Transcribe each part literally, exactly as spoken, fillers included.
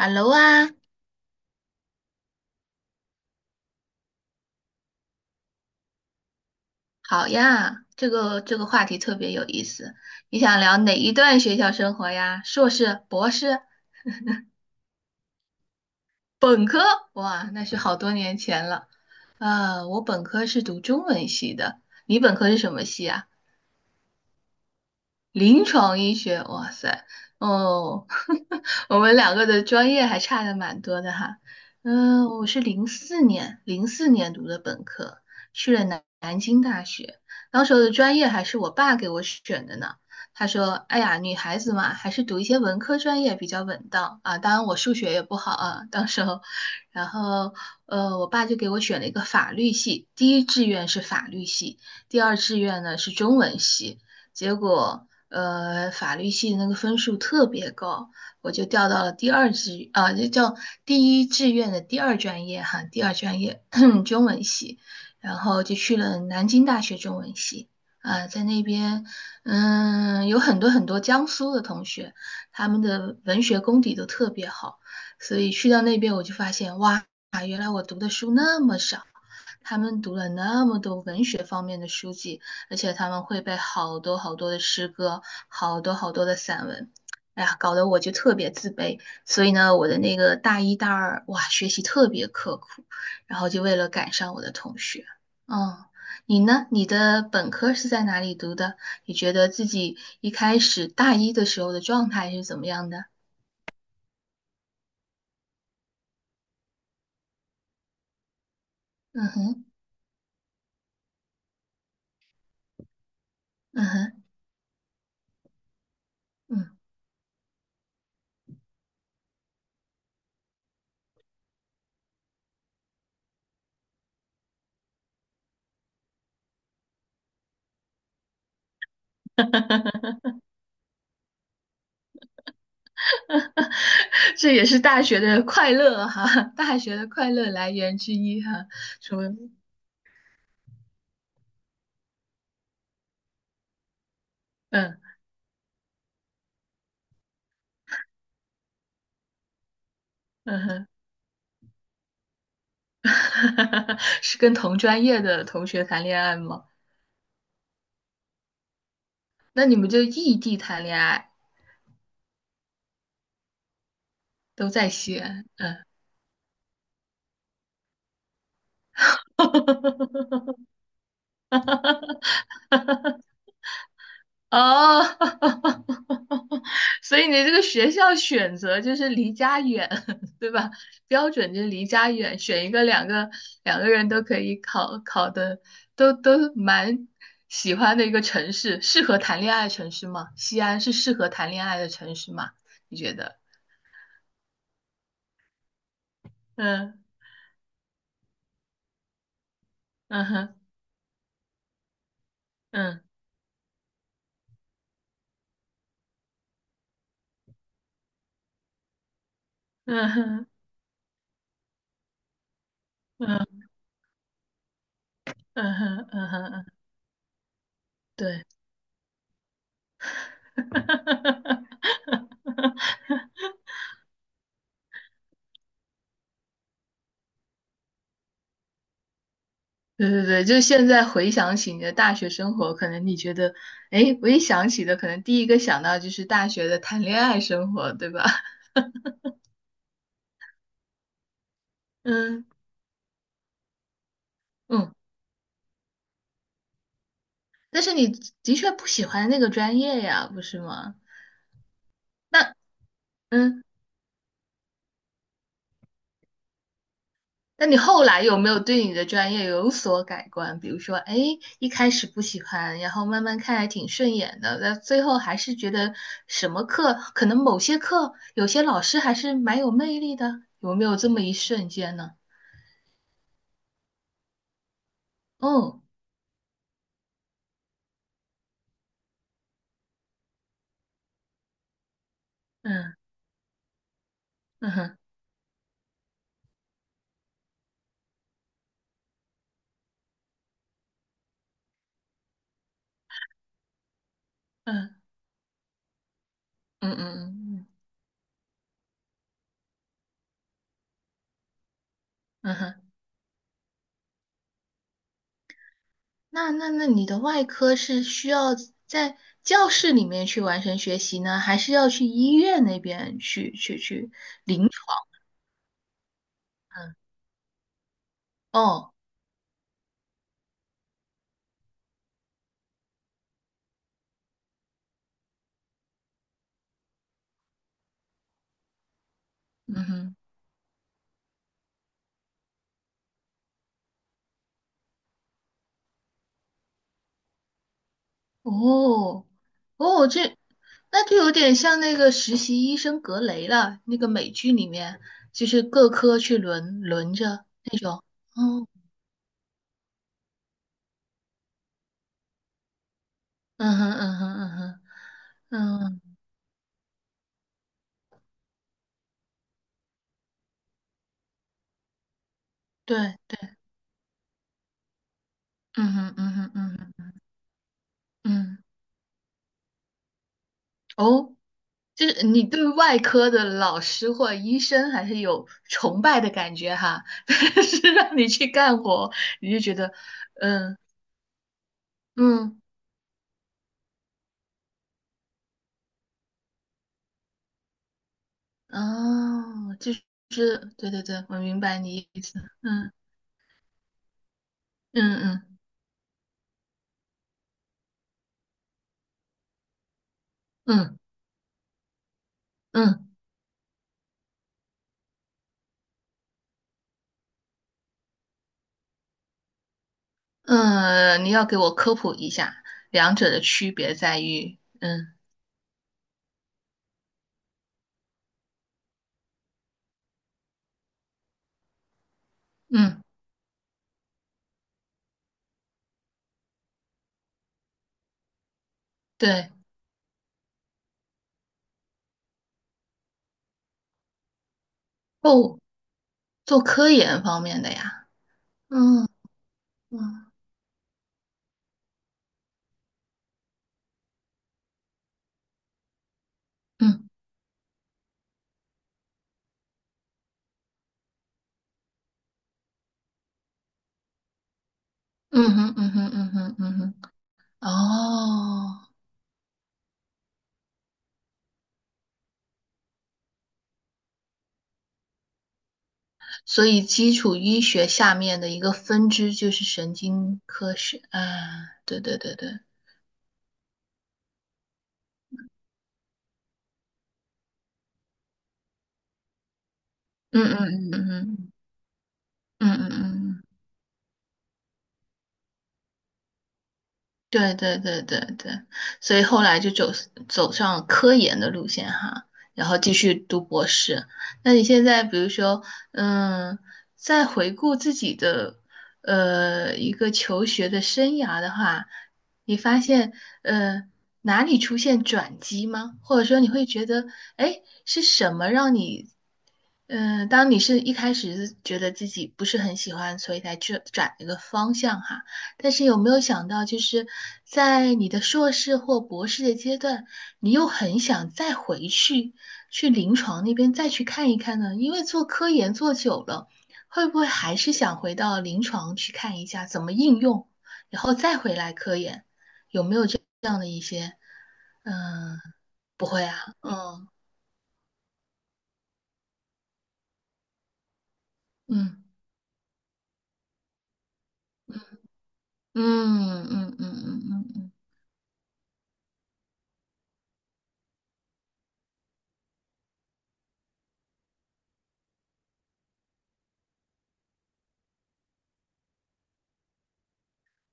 Hello 啊，好呀，这个这个话题特别有意思。你想聊哪一段学校生活呀？硕士、博士、本科？哇，那是好多年前了。啊，我本科是读中文系的，你本科是什么系啊？临床医学，哇塞，哦，我们两个的专业还差的蛮多的哈。嗯、我是零四年，零四年读的本科，去了南南京大学，当时候的专业还是我爸给我选的呢。他说："哎呀，女孩子嘛，还是读一些文科专业比较稳当啊。当然，我数学也不好啊，到时候，然后，呃，我爸就给我选了一个法律系，第一志愿是法律系，第二志愿呢是中文系。结果呃法律系的那个分数特别高，我就调到了第二志啊，就叫第一志愿的第二专业哈，第二专业 中文系，然后就去了南京大学中文系。啊，在那边，嗯，有很多很多江苏的同学，他们的文学功底都特别好，所以去到那边我就发现，哇，原来我读的书那么少，他们读了那么多文学方面的书籍，而且他们会背好多好多的诗歌，好多好多的散文。哎呀，搞得我就特别自卑，所以呢，我的那个大一、大二，哇，学习特别刻苦，然后就为了赶上我的同学。嗯，你呢？你的本科是在哪里读的？你觉得自己一开始大一的时候的状态是怎么样的？嗯哼，嗯哼，嗯，这也是大学的快乐哈，大学的快乐来源之一哈，说，嗯嗯哼。是跟同专业的同学谈恋爱吗？那你们就异地谈恋爱，都在西安。哦，所以你这个学校选择就是离家远，对吧？标准就是离家远，选一个两个两个人都可以考考的，都都蛮喜欢的一个城市，适合谈恋爱的城市吗？西安是适合谈恋爱的城市吗？你觉得？嗯。嗯哼，嗯嗯哼，嗯嗯哼，嗯哼，嗯，对，对对对，就现在回想起你的大学生活，可能你觉得，哎，我一想起的，可能第一个想到就是大学的谈恋爱生活，对吧？嗯嗯，但是你的确不喜欢那个专业呀，不是吗？那嗯。那你后来有没有对你的专业有所改观？比如说，哎，一开始不喜欢，然后慢慢看还挺顺眼的，那最后还是觉得什么课，可能某些课，有些老师还是蛮有魅力的，有没有这么一瞬间呢？哦，嗯嗯哼，嗯嗯嗯嗯嗯嗯哼，那那那你的外科是需要在教室里面去完成学习呢，还是要去医院那边去去去临床？哦，嗯哼。哦，哦，这那就有点像那个实习医生格雷了，那个美剧里面就是各科去轮轮着。哦，嗯哼，嗯哼，嗯哼，嗯，对对，嗯哼，嗯哼，嗯哼，嗯，哦，就是你对外科的老师或医生还是有崇拜的感觉哈，但是让你去干活，你就觉得，嗯嗯，哦，就是，对对对，我明白你意思，嗯。嗯嗯嗯嗯嗯，呃你要给我科普一下，两者的区别在于，嗯嗯，对，哦，做科研方面的呀，嗯嗯嗯嗯哼嗯哼嗯哼嗯哼，哦，所以基础医学下面的一个分支就是神经科学，啊，对对对对，嗯嗯嗯嗯嗯嗯嗯嗯嗯。对对对对对，所以后来就走走上了科研的路线哈，然后继续读博士。那你现在比如说，嗯，在回顾自己的呃一个求学的生涯的话，你发现呃哪里出现转机吗？或者说你会觉得，哎，是什么让你，嗯、当你是一开始是觉得自己不是很喜欢，所以才去转一个方向哈？但是有没有想到，就是在你的硕士或博士的阶段，你又很想再回去去临床那边再去看一看呢？因为做科研做久了，会不会还是想回到临床去看一下怎么应用，然后再回来科研这样的一些？嗯，不会啊，嗯嗯嗯嗯嗯嗯嗯嗯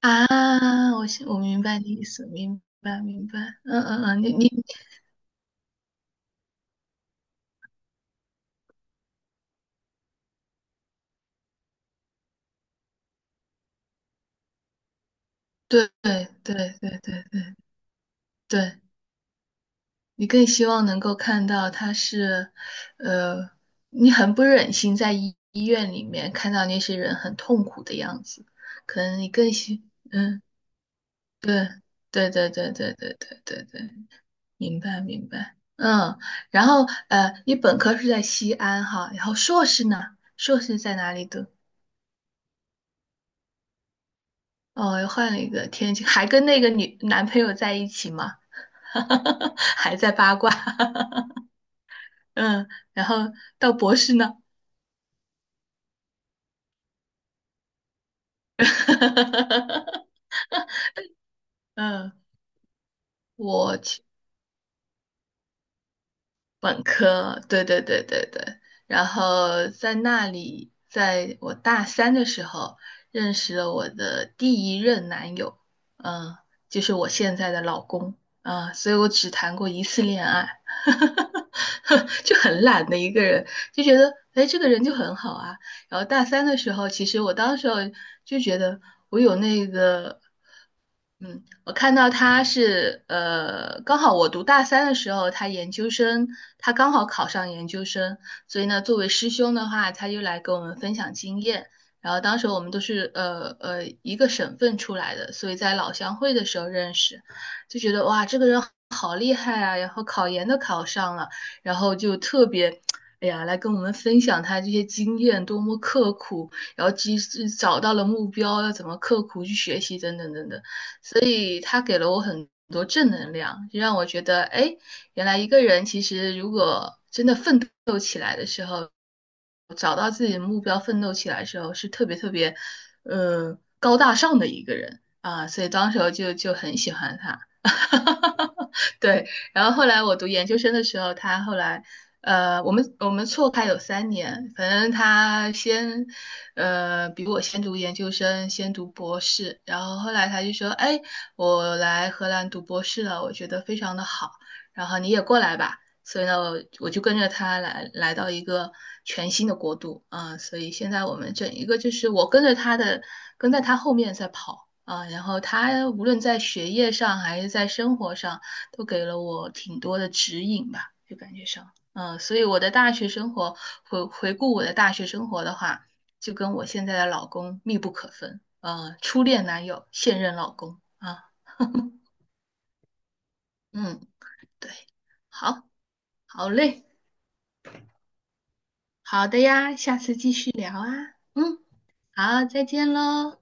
啊，我我明白你意思，明白明白，嗯嗯嗯，你你对对对对对对，你更希望能够看到他是，呃，你很不忍心在医医院里面看到那些人很痛苦的样子，可能你更希，嗯，对对对对对对对对对，明白明白，嗯，然后呃，你本科是在西安哈，然后硕士呢？硕士在哪里读？哦，又换了一个天津，还跟那个女男朋友在一起吗？还在八卦。嗯，然后到博士呢？嗯，我其本科，对对对对对，然后在那里，在我大三的时候认识了我的第一任男友，嗯，就是我现在的老公，啊、所以我只谈过一次恋爱，就很懒的一个人，就觉得哎，这个人就很好啊。然后大三的时候，其实我当时候就觉得我有那个嗯，我看到他是呃，刚好我读大三的时候，他研究生，他刚好考上研究生，所以呢，作为师兄的话，他就来跟我们分享经验。然后当时我们都是呃呃一个省份出来的，所以在老乡会的时候认识，就觉得哇，这个人好厉害啊，然后考研都考上了，然后就特别。哎呀，来跟我们分享他这些经验，多么刻苦，然后及时找到了目标，要怎么刻苦去学习，等等等等。所以他给了我很多正能量，就让我觉得，哎，原来一个人其实如果真的奋斗，找到自己的目标，奋斗起来的时候，是特别特别，呃，高大上的一个人啊，所以当时候就就很喜欢他。对，然后后来我读研究生的时候，他后来，呃，我们我们错开有三年，反正他先，呃，比我先读研究生，先读博士，然后后来他就说，哎，我来荷兰读博士了，我觉得非常的好，然后你也过来吧，所以呢，我我就跟着他来来到一个全新的国度啊，所以现在我们整一个就是我跟着他的，跟在他后面在跑。啊，然后他无论在学业上还是在生活上。都给了我挺多的指引吧，就感觉上，嗯，所以我的大学生活，回回顾我的大学生活的话，就跟我现在的老公密不可分，呃，初恋男友，现任老公啊，嗯，对，好，好嘞，好的呀，下次继续聊啊，嗯，好，再见喽。